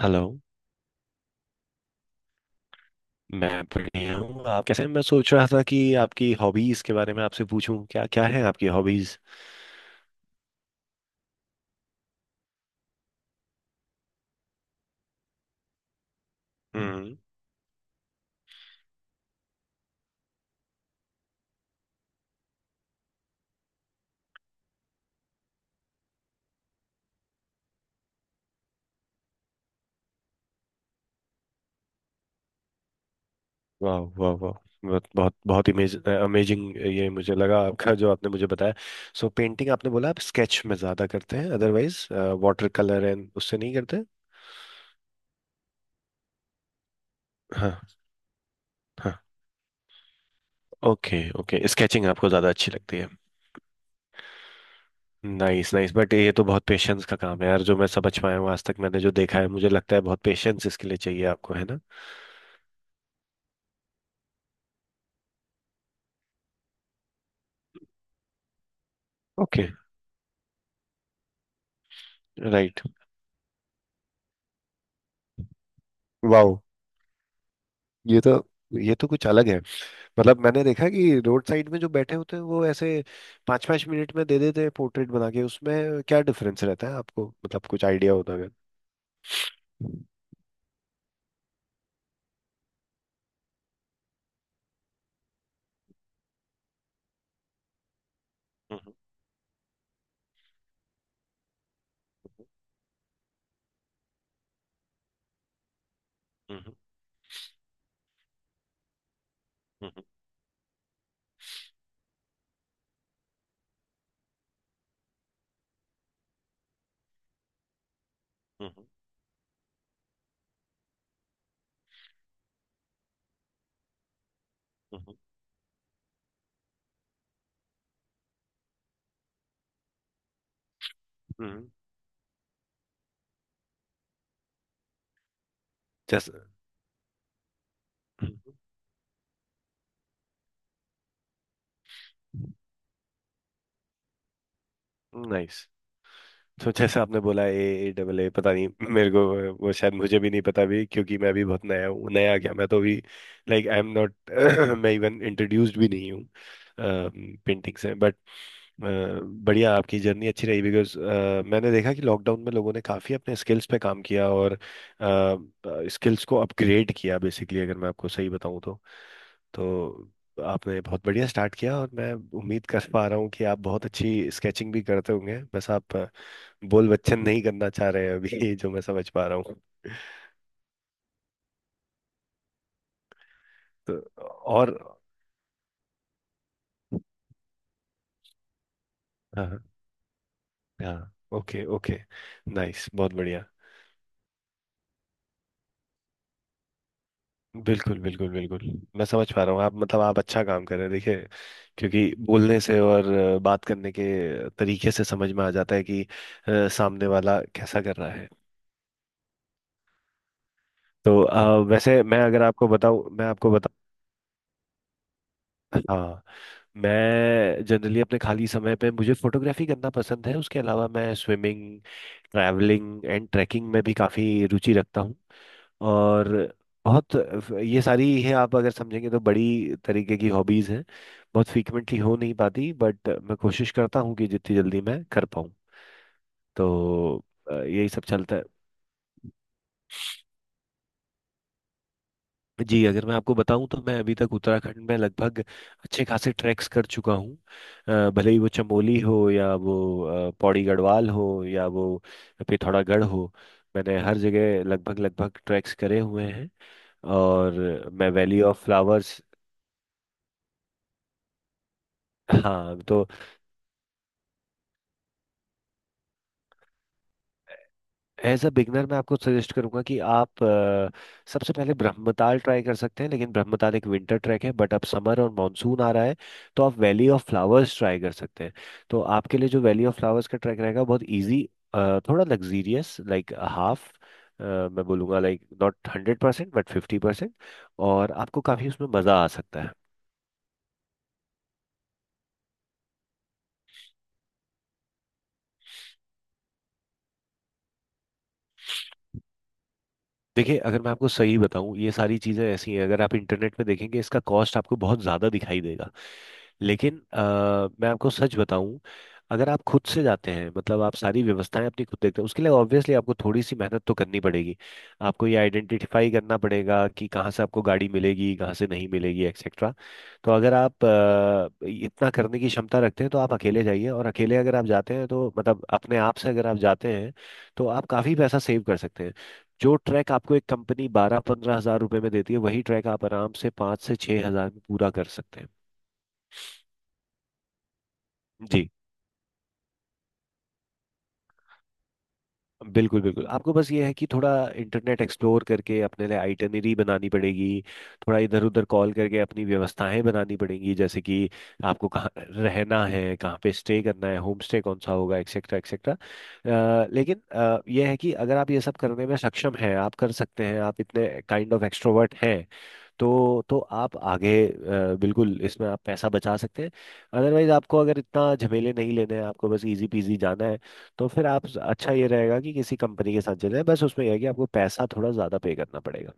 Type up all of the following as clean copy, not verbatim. Hello. मैं बढ़िया हूँ, आप कैसे हैं? मैं सोच रहा था कि आपकी हॉबीज के बारे में आपसे पूछूं, क्या क्या है आपकी हॉबीज। हम्म। वाह वाह वाह। बहुत बहुत बहुत इमेज अमेजिंग ये मुझे लगा आपका, जो आपने मुझे बताया। सो पेंटिंग आपने बोला आप स्केच में ज्यादा करते हैं, अदरवाइज वाटर कलर एंड उससे नहीं करते। हाँ हाँ। ओके ओके, स्केचिंग आपको ज्यादा अच्छी लगती है। नाइस नाइस, बट ये तो बहुत पेशेंस का काम है यार, जो मैं समझ पाया हूँ आज तक। मैंने जो देखा है, मुझे लगता है बहुत पेशेंस इसके लिए चाहिए, आपको है ना। ओके। राइट। वाओ। ये तो ये तो कुछ अलग है। मतलब मैंने देखा कि रोड साइड में जो बैठे होते हैं वो ऐसे 5-5 मिनट में दे देते हैं पोर्ट्रेट बना के, उसमें क्या डिफरेंस रहता है आपको, मतलब कुछ आइडिया होता है। हम्म। हम्म। हम्म। हम्म। हम्म। हम्म। जैसे। नाइस। तो जैसे आपने बोला ए, ए डबल ए पता नहीं। मेरे को वो शायद मुझे भी नहीं पता भी, क्योंकि मैं भी बहुत नया हूँ। नया क्या, मैं तो भी लाइक आई एम नॉट मैं इवन इंट्रोड्यूस्ड भी नहीं हूँ पेंटिंग से, बट अ, बढ़िया आपकी जर्नी अच्छी रही बिकॉज मैंने देखा कि लॉकडाउन में लोगों ने काफ़ी अपने स्किल्स पे काम किया और स्किल्स को अपग्रेड किया, बेसिकली अगर मैं आपको सही बताऊं तो। तो आपने बहुत बढ़िया स्टार्ट किया और मैं उम्मीद कर पा रहा हूँ कि आप बहुत अच्छी स्केचिंग भी करते होंगे, बस आप बोल बच्चन नहीं करना चाह रहे हैं अभी जो मैं समझ पा रहा हूँ। तो। और। हाँ हाँ। Okay okay. नाइस बहुत बढ़िया। बिल्कुल बिल्कुल बिल्कुल, मैं समझ पा रहा हूँ आप मतलब आप अच्छा काम कर रहे हैं, देखिए, क्योंकि बोलने से और बात करने के तरीके से समझ में आ जाता है कि सामने वाला कैसा कर रहा है। तो वैसे मैं अगर आपको बताऊँ, मैं आपको बता हाँ। मैं जनरली अपने खाली समय पे, मुझे फोटोग्राफी करना पसंद है, उसके अलावा मैं स्विमिंग, ट्रैवलिंग एंड ट्रैकिंग में भी काफ़ी रुचि रखता हूँ और बहुत। ये सारी है, आप अगर समझेंगे तो बड़ी तरीके की हॉबीज हैं। बहुत फ्रीक्वेंटली हो नहीं पाती, बट मैं कोशिश करता हूँ कि जितनी जल्दी मैं कर पाऊँ। तो यही सब चलता है। जी, अगर मैं आपको बताऊं तो मैं अभी तक उत्तराखंड में लगभग अच्छे खासे ट्रैक्स कर चुका हूँ। भले ही वो चमोली हो, या वो पौड़ी गढ़वाल हो, या वो पिथौरागढ़ हो। मैंने हर जगह लगभग लगभग ट्रैक्स करे हुए हैं। और मैं वैली ऑफ फ्लावर्स। हाँ तो एज अ बिगनर मैं आपको सजेस्ट करूंगा कि आप सबसे पहले ब्रह्मताल ट्राई कर सकते हैं, लेकिन ब्रह्मताल एक विंटर ट्रैक है, बट अब समर और मानसून आ रहा है, तो आप वैली ऑफ फ्लावर्स ट्राई कर सकते हैं। तो आपके लिए जो वैली ऑफ फ्लावर्स का ट्रैक रहेगा बहुत इजी, थोड़ा लग्जीरियस, लाइक हाफ। मैं बोलूँगा लाइक नॉट 100% बट 50%। और आपको काफ़ी उसमें मज़ा आ सकता है। देखिए, अगर मैं आपको सही बताऊं, ये सारी चीज़ें ऐसी हैं, अगर आप इंटरनेट पे देखेंगे इसका कॉस्ट आपको बहुत ज़्यादा दिखाई देगा। लेकिन मैं आपको सच बताऊं, अगर आप खुद से जाते हैं, मतलब आप सारी व्यवस्थाएं अपनी खुद देखते हैं, उसके लिए ऑब्वियसली आपको थोड़ी सी मेहनत तो करनी पड़ेगी। आपको ये आइडेंटिफाई करना पड़ेगा कि कहाँ से आपको गाड़ी मिलेगी, कहाँ से नहीं मिलेगी, एक्सेट्रा। तो अगर आप इतना करने की क्षमता रखते हैं तो आप अकेले जाइए, और अकेले अगर आप जाते हैं तो मतलब अपने आप से अगर आप जाते हैं तो आप काफ़ी पैसा सेव कर सकते हैं। जो ट्रैक आपको एक कंपनी 12-15 हजार रुपए में देती है, वही ट्रैक आप आराम से 5 से 6 हजार में पूरा कर सकते हैं। जी बिल्कुल बिल्कुल, आपको बस ये है कि थोड़ा इंटरनेट एक्सप्लोर करके अपने लिए आइटनरी बनानी पड़ेगी। थोड़ा इधर उधर कॉल करके अपनी व्यवस्थाएं बनानी पड़ेंगी, जैसे कि आपको कहाँ रहना है, कहाँ पे स्टे करना है, होम स्टे कौन सा होगा, एक्सेट्रा एक्सेट्रा। लेकिन यह है कि अगर आप ये सब करने में सक्षम हैं, आप कर सकते हैं, आप इतने काइंड ऑफ एक्सट्रोवर्ट हैं, तो आप आगे बिल्कुल इसमें आप पैसा बचा सकते हैं। अदरवाइज आपको अगर इतना झमेले नहीं लेने हैं, आपको बस इजी पीजी जाना है, तो फिर आप अच्छा ये रहेगा कि किसी कंपनी के साथ चले जाएं। बस उसमें यह है कि आपको पैसा थोड़ा ज़्यादा पे करना पड़ेगा।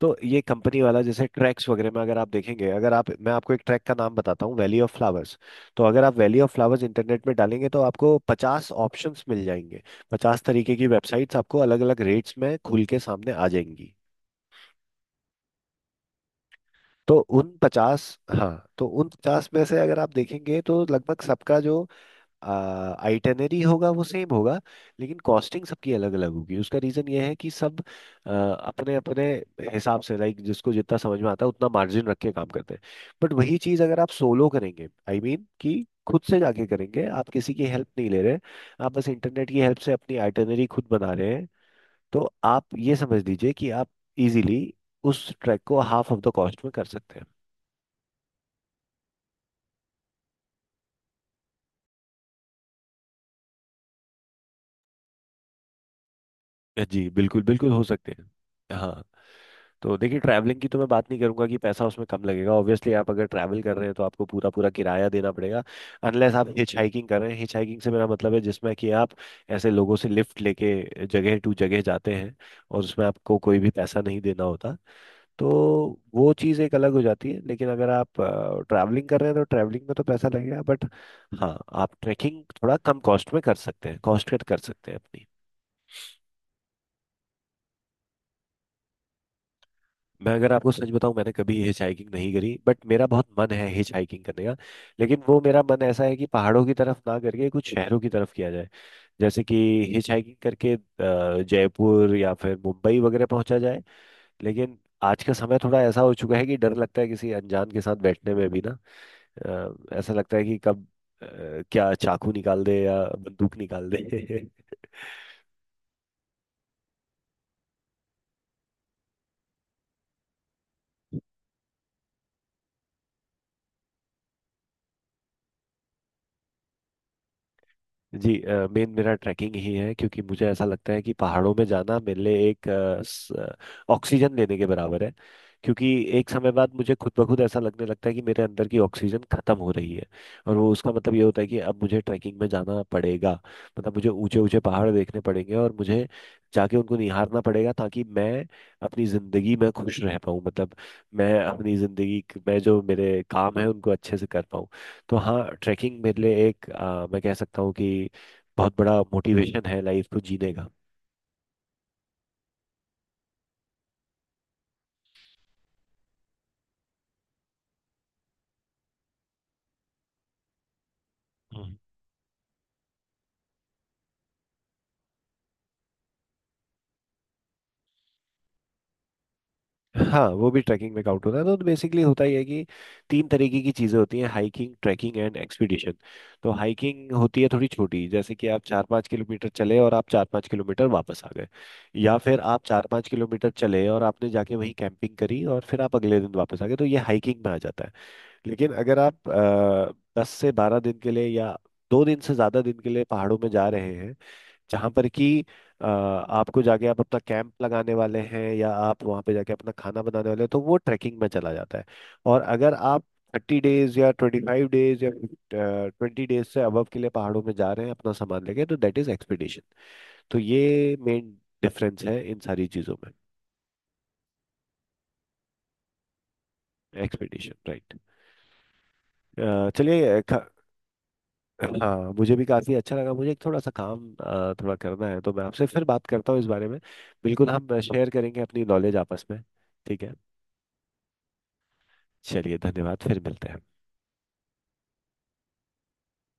तो ये कंपनी वाला जैसे ट्रैक्स वगैरह में, अगर आप देखेंगे, अगर आप, मैं आपको एक ट्रैक का नाम बताता हूँ, वैली ऑफ फ्लावर्स। तो अगर आप वैली ऑफ फ्लावर्स इंटरनेट में डालेंगे तो आपको 50 ऑप्शंस मिल जाएंगे। 50 तरीके की वेबसाइट्स आपको अलग अलग रेट्स में खुल के सामने आ जाएंगी। तो उन पचास, हाँ तो उन पचास में से अगर आप देखेंगे तो लगभग सबका जो आइटनरी होगा वो सेम होगा। लेकिन कॉस्टिंग सबकी अलग अलग होगी, उसका रीजन ये है कि सब अपने अपने हिसाब से, लाइक जिसको जितना समझ में आता है उतना मार्जिन रख के काम करते हैं। बट वही चीज़ अगर आप सोलो करेंगे, आई I मीन mean, कि खुद से जाके करेंगे, आप किसी की हेल्प नहीं ले रहे, आप बस इंटरनेट की हेल्प से अपनी आइटनरी खुद बना रहे हैं। तो आप ये समझ लीजिए कि आप इजीली उस ट्रैक को हाफ ऑफ द कॉस्ट में कर सकते हैं। जी बिल्कुल बिल्कुल हो सकते हैं। हाँ तो देखिए, ट्रैवलिंग की तो मैं बात नहीं करूंगा कि पैसा उसमें कम लगेगा, ऑब्वियसली आप अगर ट्रैवल कर रहे हैं तो आपको पूरा पूरा किराया देना पड़ेगा। अनलेस आप हिच हाइकिंग कर रहे हैं, हिच हाइकिंग से मेरा मतलब है जिसमें कि आप ऐसे लोगों से लिफ्ट लेके जगह टू जगह जाते हैं, और उसमें आपको कोई भी पैसा नहीं देना होता। तो वो चीज़ एक अलग हो जाती है, लेकिन अगर आप ट्रैवलिंग कर रहे हैं तो ट्रैवलिंग में तो पैसा लगेगा, बट हाँ, आप ट्रैकिंग थोड़ा कम कॉस्ट में कर सकते हैं, कॉस्ट कट कर सकते हैं। मैं अगर आपको सच बताऊं, मैंने कभी हिच हाइकिंग नहीं करी, बट मेरा बहुत मन है हिच हाइकिंग करने का। लेकिन वो मेरा मन ऐसा है कि पहाड़ों की तरफ ना करके कुछ शहरों की तरफ किया जाए, जैसे कि हिच हाइकिंग करके जयपुर या फिर मुंबई वगैरह पहुंचा जाए। लेकिन आज का समय थोड़ा ऐसा हो चुका है कि डर लगता है किसी अनजान के साथ बैठने में भी ना, ऐसा लगता है कि कब अ, क्या चाकू निकाल दे या बंदूक निकाल दे जी, मेन मेरा ट्रैकिंग ही है, क्योंकि मुझे ऐसा लगता है कि पहाड़ों में जाना मेरे लिए एक ऑक्सीजन लेने के बराबर है। क्योंकि एक समय बाद मुझे खुद ब खुद ऐसा लगने लगता है कि मेरे अंदर की ऑक्सीजन खत्म हो रही है, और वो, उसका मतलब ये होता है कि अब मुझे ट्रैकिंग में जाना पड़ेगा। मतलब मुझे ऊंचे ऊंचे पहाड़ देखने पड़ेंगे, और मुझे जाके उनको निहारना पड़ेगा, ताकि मैं अपनी जिंदगी में खुश रह पाऊँ। मतलब मैं अपनी जिंदगी में जो मेरे काम है उनको अच्छे से कर पाऊँ। तो हाँ, ट्रैकिंग मेरे लिए एक, मैं कह सकता हूँ कि बहुत बड़ा मोटिवेशन है लाइफ को जीने का। हम्म। हाँ, वो भी ट्रैकिंग में काउंट होता है। तो बेसिकली होता ही है कि तीन तरीके की चीज़ें होती हैं, हाइकिंग, ट्रैकिंग एंड एक्सपीडिशन। तो हाइकिंग होती है थोड़ी छोटी, जैसे कि आप 4-5 किलोमीटर चले और आप 4-5 किलोमीटर वापस आ गए, या फिर आप 4-5 किलोमीटर चले और आपने जाके वहीं कैंपिंग करी और फिर आप अगले दिन वापस आ गए, तो ये हाइकिंग में आ जाता है। लेकिन अगर आप 10 से 12 दिन के लिए या 2 दिन से ज्यादा दिन के लिए पहाड़ों में जा रहे हैं, जहां पर कि आपको जाके आप अपना कैंप लगाने वाले हैं, या आप वहां पे जाके अपना खाना बनाने वाले हैं, तो वो ट्रैकिंग में चला जाता है। और अगर आप 30 डेज या 25 डेज या 20 डेज से अबव के लिए पहाड़ों में जा रहे हैं अपना सामान लेके, तो दैट इज एक्सपीडिशन। तो ये मेन डिफरेंस है इन सारी चीजों में। Expedition right. चलिए हाँ, मुझे भी काफी अच्छा लगा। मुझे एक थोड़ा सा काम थोड़ा करना है, तो मैं आपसे फिर बात करता हूँ इस बारे में। बिल्कुल, हम शेयर करेंगे अपनी नॉलेज आपस में। ठीक है। चलिए धन्यवाद, फिर मिलते हैं।